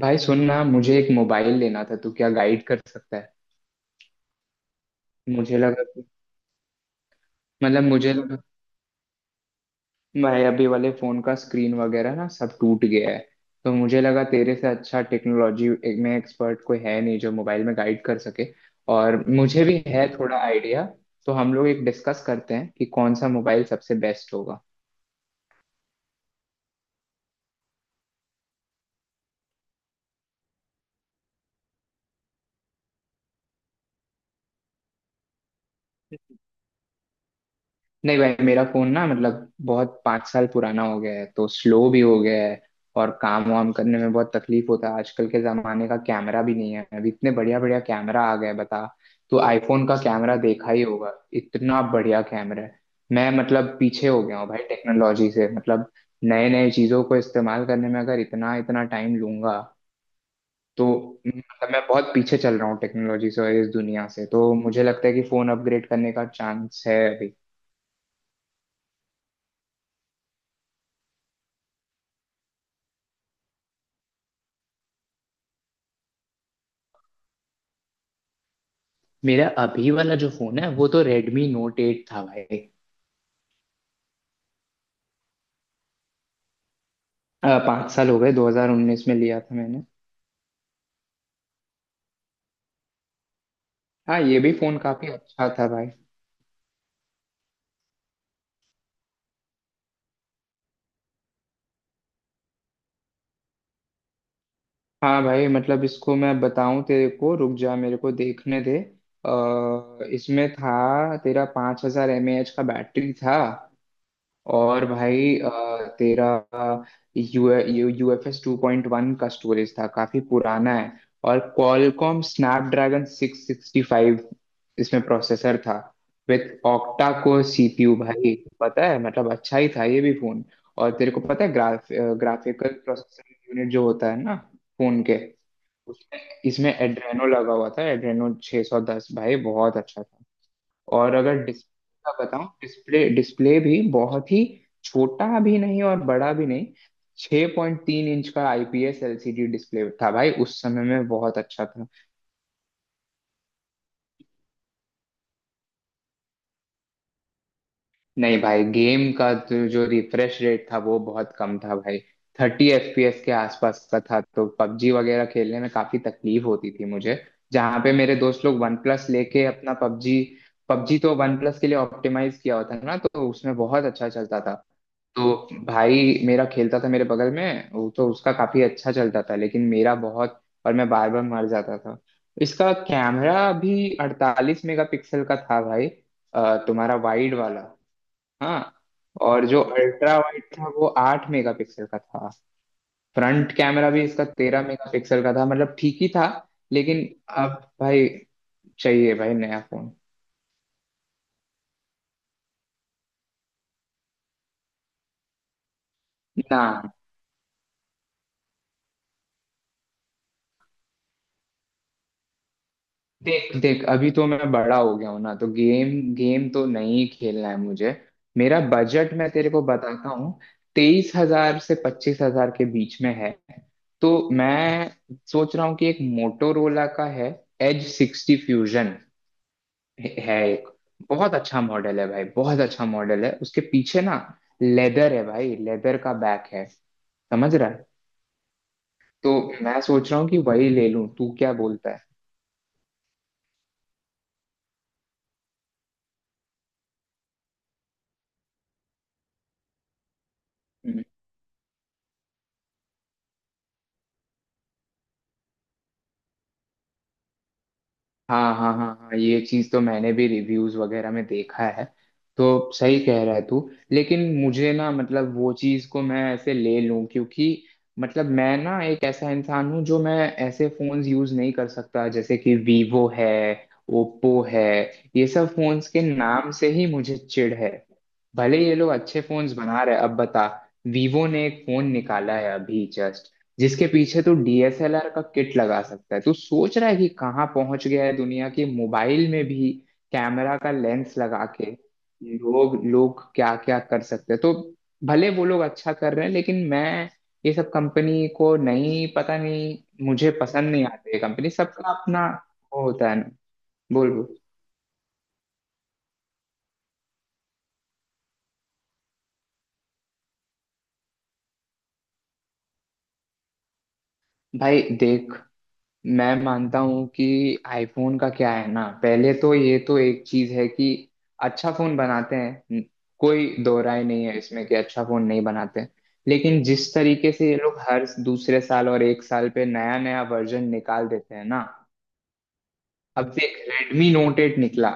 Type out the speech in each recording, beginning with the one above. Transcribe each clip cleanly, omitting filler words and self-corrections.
भाई सुनना मुझे एक मोबाइल लेना था। तू क्या गाइड कर सकता है? मुझे लगा मुझे लगा मेरे अभी वाले फोन का स्क्रीन वगैरह ना सब टूट गया है। तो मुझे लगा तेरे से अच्छा टेक्नोलॉजी में एक्सपर्ट कोई है नहीं जो मोबाइल में गाइड कर सके। और मुझे भी है थोड़ा आइडिया, तो हम लोग एक डिस्कस करते हैं कि कौन सा मोबाइल सबसे बेस्ट होगा। नहीं भाई, मेरा फोन ना मतलब बहुत पाँच साल पुराना हो गया है, तो स्लो भी हो गया है। और काम वाम करने में बहुत तकलीफ होता है। आजकल के जमाने का कैमरा भी नहीं है, अभी इतने बढ़िया बढ़िया कैमरा आ गए हैं, बता। तो आईफोन का कैमरा देखा ही होगा, इतना बढ़िया कैमरा है। मैं मतलब पीछे हो गया हूँ भाई टेक्नोलॉजी से। मतलब नए नए चीजों को इस्तेमाल करने में अगर इतना इतना टाइम लूंगा तो मतलब मैं बहुत पीछे चल रहा हूँ टेक्नोलॉजी से और इस दुनिया से। तो मुझे लगता है कि फोन अपग्रेड करने का चांस है अभी। मेरा अभी वाला जो फोन है वो तो रेडमी नोट एट था भाई। पाँच साल हो गए, 2019 में लिया था मैंने। हाँ ये भी फोन काफी अच्छा था भाई। हाँ भाई, मतलब इसको मैं बताऊं तेरे को, रुक जा, मेरे को देखने दे। इसमें था तेरा 5000 हजार एम ए एच का बैटरी था। और भाई तेरा U U F S two point one का स्टोरेज था, काफी पुराना है। और Qualcomm Snapdragon six sixty five इसमें प्रोसेसर था विथ ऑक्टा कोर सीपीयू। भाई पता है, मतलब अच्छा ही था ये भी फोन। और तेरे को पता है ग्राफ ग्राफिकल प्रोसेसर यूनिट जो होता है ना फोन के, उसमें इसमें एड्रेनो लगा हुआ था, एड्रेनो 610 भाई, बहुत अच्छा था। और अगर डिस्प्ले का बताऊं, डिस्प्ले डिस्प्ले भी बहुत ही छोटा भी नहीं और बड़ा भी नहीं, 6.3 इंच का आईपीएस एलसीडी डिस्प्ले था भाई, उस समय में बहुत अच्छा था। नहीं भाई, गेम का जो जो रिफ्रेश रेट था वो बहुत कम था भाई, थर्टी एफपीएस के आसपास का था। तो पबजी वगैरह खेलने में काफी तकलीफ होती थी मुझे। जहाँ पे मेरे दोस्त लोग वन प्लस लेके अपना पबजी, पबजी तो वन प्लस के लिए ऑप्टिमाइज किया होता है ना, तो उसमें बहुत अच्छा चलता था। तो भाई मेरा खेलता था, मेरे बगल में वो तो उसका काफी अच्छा चलता था लेकिन मेरा बहुत, और मैं बार बार मर जाता था। इसका कैमरा भी अड़तालीस मेगापिक्सल का था भाई, तुम्हारा वाइड वाला। हाँ, और जो अल्ट्रा वाइड था वो आठ मेगापिक्सल का था। फ्रंट कैमरा भी इसका तेरह मेगापिक्सल का था, मतलब ठीक ही था। लेकिन अब भाई, चाहिए भाई नया फोन। ना देख देख, अभी तो मैं बड़ा हो गया हूं ना, तो गेम गेम तो नहीं खेलना है मुझे। मेरा बजट मैं तेरे को बताता हूँ, तेईस हजार से पच्चीस हजार के बीच में है। तो मैं सोच रहा हूँ कि एक मोटोरोला का है, एज सिक्सटी फ्यूजन है एक, बहुत अच्छा मॉडल है भाई, बहुत अच्छा मॉडल है। उसके पीछे ना लेदर है भाई, लेदर का बैक है, समझ रहा है। तो मैं सोच रहा हूँ कि वही ले लूं, तू क्या बोलता है। हाँ हाँ हाँ हाँ, ये चीज तो मैंने भी रिव्यूज वगैरह में देखा है। तो सही कह रहा है तू। लेकिन मुझे ना, मतलब वो चीज को मैं ऐसे ले लूं क्योंकि मतलब मैं ना एक ऐसा इंसान हूँ जो मैं ऐसे फोन्स यूज नहीं कर सकता, जैसे कि वीवो है, ओप्पो है, ये सब फोन्स के नाम से ही मुझे चिढ़ है। भले ये लोग अच्छे फोन्स बना रहे हैं, अब बता, वीवो ने एक फोन निकाला है अभी जस्ट जिसके पीछे तू डीएसएलआर का किट लगा सकता है। तू सोच रहा है कि कहाँ पहुंच गया है दुनिया की, मोबाइल में भी कैमरा का लेंस लगा के लोग लोग क्या क्या कर सकते हैं। तो भले वो लोग अच्छा कर रहे हैं लेकिन मैं, ये सब कंपनी को नहीं, पता नहीं, मुझे पसंद नहीं आती ये कंपनी, सबका अपना वो होता है ना। बोल बोल। भाई देख, मैं मानता हूँ कि आईफोन का क्या है ना, पहले तो ये तो एक चीज है कि अच्छा फोन बनाते हैं, कोई दो राय नहीं है इसमें कि अच्छा फोन नहीं बनाते। लेकिन जिस तरीके से ये लोग हर दूसरे साल और एक साल पे नया नया वर्जन निकाल देते हैं ना, अब देख रेडमी नोट एट निकला,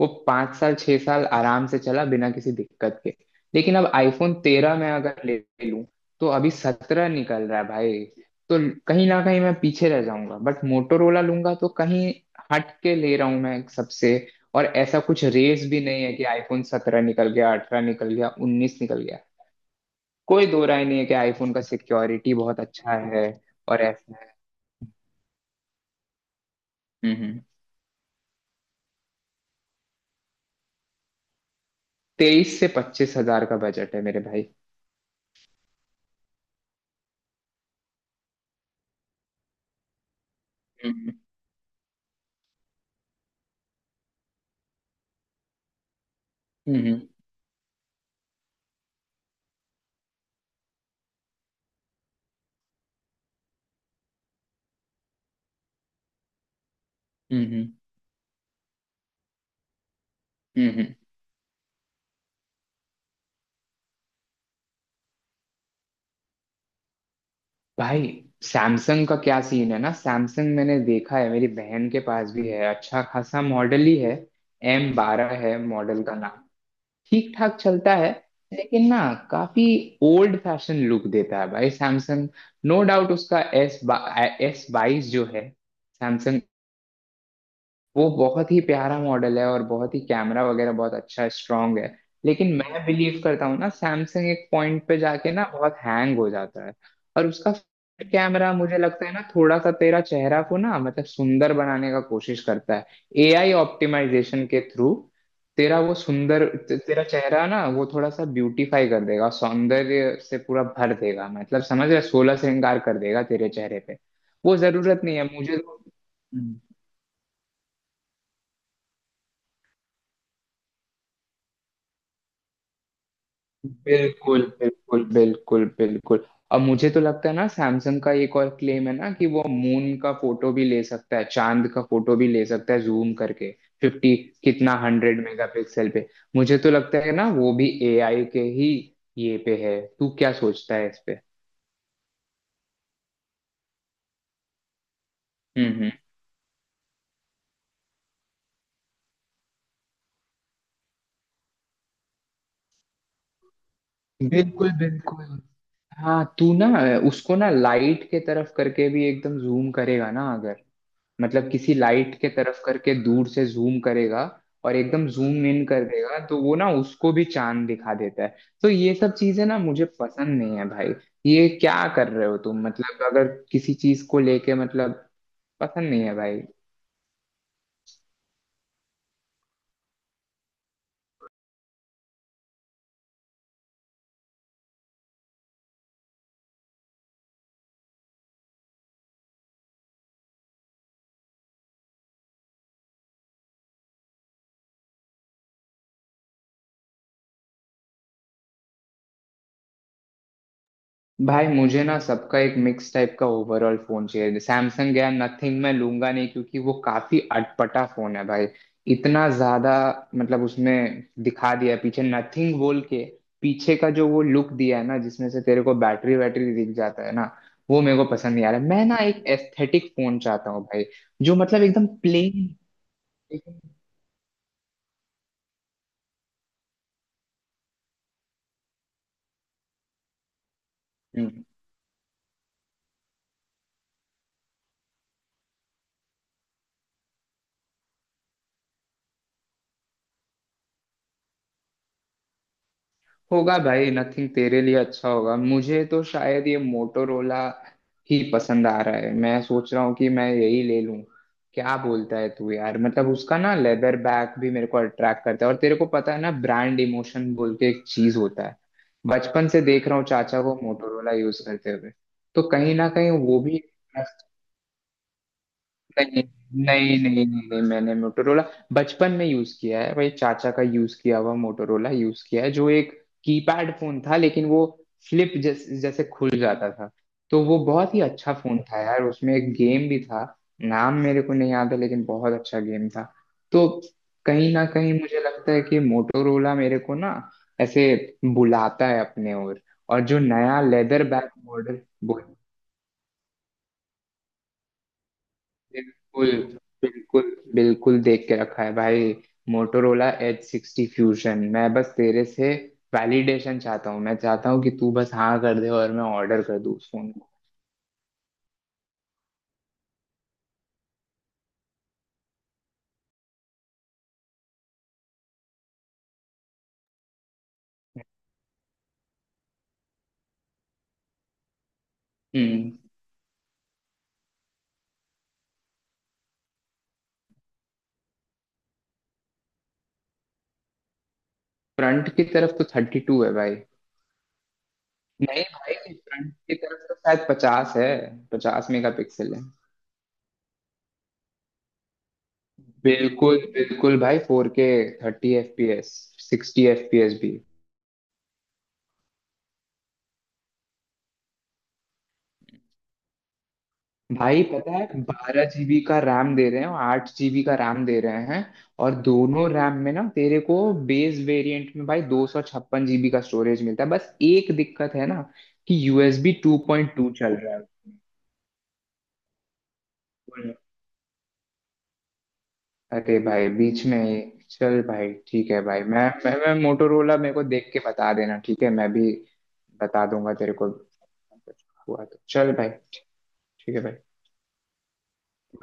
वो पाँच साल छह साल आराम से चला बिना किसी दिक्कत के। लेकिन अब आईफोन तेरह में अगर ले लूं, तो अभी सत्रह निकल रहा है भाई। तो कहीं ना कहीं मैं पीछे रह जाऊंगा, बट मोटोरोला लूंगा तो कहीं हट के ले रहा हूं मैं सबसे। और ऐसा कुछ रेस भी नहीं है कि आईफोन सत्रह निकल गया, अठारह निकल गया, उन्नीस निकल गया। कोई दो राय नहीं है कि आईफोन का सिक्योरिटी बहुत अच्छा है। और ऐसा है। हम्म हम्म। तेईस से पच्चीस हजार का बजट है मेरे भाई। हम्म हम्म हम्म हम्म। भाई, सैमसंग का क्या सीन है ना, सैमसंग मैंने देखा है, मेरी बहन के पास भी है, अच्छा खासा मॉडल ही है, एम बारह है मॉडल का नाम, ठीक ठाक चलता है। लेकिन ना, काफी ओल्ड फैशन लुक देता है भाई सैमसंग। नो डाउट उसका एस बाईस जो है सैमसंग, वो बहुत ही प्यारा मॉडल है और बहुत ही कैमरा वगैरह बहुत अच्छा स्ट्रांग है। लेकिन मैं बिलीव करता हूँ ना, सैमसंग एक पॉइंट पे जाके ना बहुत हैंग हो जाता है। और उसका कैमरा मुझे लगता है ना थोड़ा सा तेरा चेहरा को ना, मतलब सुंदर बनाने का कोशिश करता है, एआई ऑप्टिमाइजेशन के थ्रू। तेरा वो सुंदर तेरा चेहरा ना वो थोड़ा सा ब्यूटीफाई कर देगा, सौंदर्य से पूरा भर देगा, मतलब समझ रहे, सोलह श्रृंगार कर देगा तेरे चेहरे पे। वो जरूरत नहीं है मुझे तो। बिल्कुल बिल्कुल बिल्कुल बिल्कुल। अब मुझे तो लगता है ना, सैमसंग का एक और क्लेम है ना कि वो मून का फोटो भी ले सकता है, चांद का फोटो भी ले सकता है जूम करके, फिफ्टी, कितना, हंड्रेड मेगापिक्सल पे। मुझे तो लगता है ना वो भी एआई के ही ये पे है। तू क्या सोचता है इस पे? हम्म। बिल्कुल बिल्कुल। हाँ, तू ना उसको ना लाइट के तरफ करके भी एकदम जूम करेगा ना अगर, मतलब किसी लाइट के तरफ करके दूर से जूम करेगा और एकदम जूम इन कर देगा, तो वो ना उसको भी चांद दिखा देता है। तो ये सब चीजें ना मुझे पसंद नहीं है भाई, ये क्या कर रहे हो तुम, मतलब अगर किसी चीज को लेके, मतलब पसंद नहीं है भाई। भाई मुझे ना सबका एक मिक्स टाइप का ओवरऑल फोन चाहिए। सैमसंग या नथिंग मैं लूंगा नहीं क्योंकि वो काफी अटपटा फोन है भाई, इतना ज्यादा, मतलब उसमें दिखा दिया है पीछे, नथिंग बोल के पीछे का जो वो लुक दिया है ना, जिसमें से तेरे को बैटरी वैटरी दिख जाता है ना, वो मेरे को पसंद नहीं आ रहा है। मैं ना एक एस्थेटिक फोन चाहता हूँ भाई, जो मतलब एकदम प्लेन होगा भाई। नथिंग तेरे लिए अच्छा होगा, मुझे तो शायद ये मोटोरोला ही पसंद आ रहा है। मैं सोच रहा हूँ कि मैं यही ले लूं। क्या बोलता है तू यार? मतलब उसका ना लेदर बैग भी मेरे को अट्रैक्ट करता है। और तेरे को पता है ना, ब्रांड इमोशन बोल के एक चीज होता है, बचपन से देख रहा हूँ चाचा को मोटोरोला यूज करते हुए, तो कहीं ना कहीं वो भी। नहीं नहीं नहीं नहीं नहीं मैंने मोटोरोला बचपन में यूज किया है भाई, चाचा का यूज किया हुआ मोटोरोला यूज किया है, जो एक कीपैड फोन था लेकिन वो फ्लिप जैसे खुल जाता था। तो वो बहुत ही अच्छा फोन था यार, उसमें एक गेम भी था, नाम मेरे को नहीं याद है लेकिन बहुत अच्छा गेम था। तो कहीं ना कहीं मुझे लगता है कि मोटोरोला मेरे को ना ऐसे बुलाता है अपने ओर। और जो नया लेदर बैक मॉडल, बिल्कुल बिल्कुल बिल्कुल देख के रखा है भाई, मोटोरोला एच सिक्सटी फ्यूजन। मैं बस तेरे से वैलिडेशन चाहता हूँ, मैं चाहता हूँ कि तू बस हाँ कर दे और मैं ऑर्डर कर दूँ उस फोन को। हम्म। फ्रंट की तरफ तो थर्टी टू है भाई। नहीं भाई, फ्रंट की तरफ तो शायद पचास है, पचास मेगा पिक्सल है। बिल्कुल बिल्कुल भाई, four K thirty F P S, sixty F P S भी। भाई पता है, बारह जीबी का रैम दे रहे हैं और आठ जीबी का रैम दे रहे हैं। और दोनों रैम में ना तेरे को बेस वेरिएंट में भाई दो सौ छप्पन जीबी का स्टोरेज मिलता है। बस एक दिक्कत है ना कि यूएसबी टू पॉइंट टू चल रहा है उसमें। अरे भाई बीच में ये- चल भाई, ठीक है भाई, मैं मोटोरोला मेरे को देख के बता देना ठीक है, मैं भी बता दूंगा तेरे को कुछ हुआ तो। चल भाई, ठीक है भाई।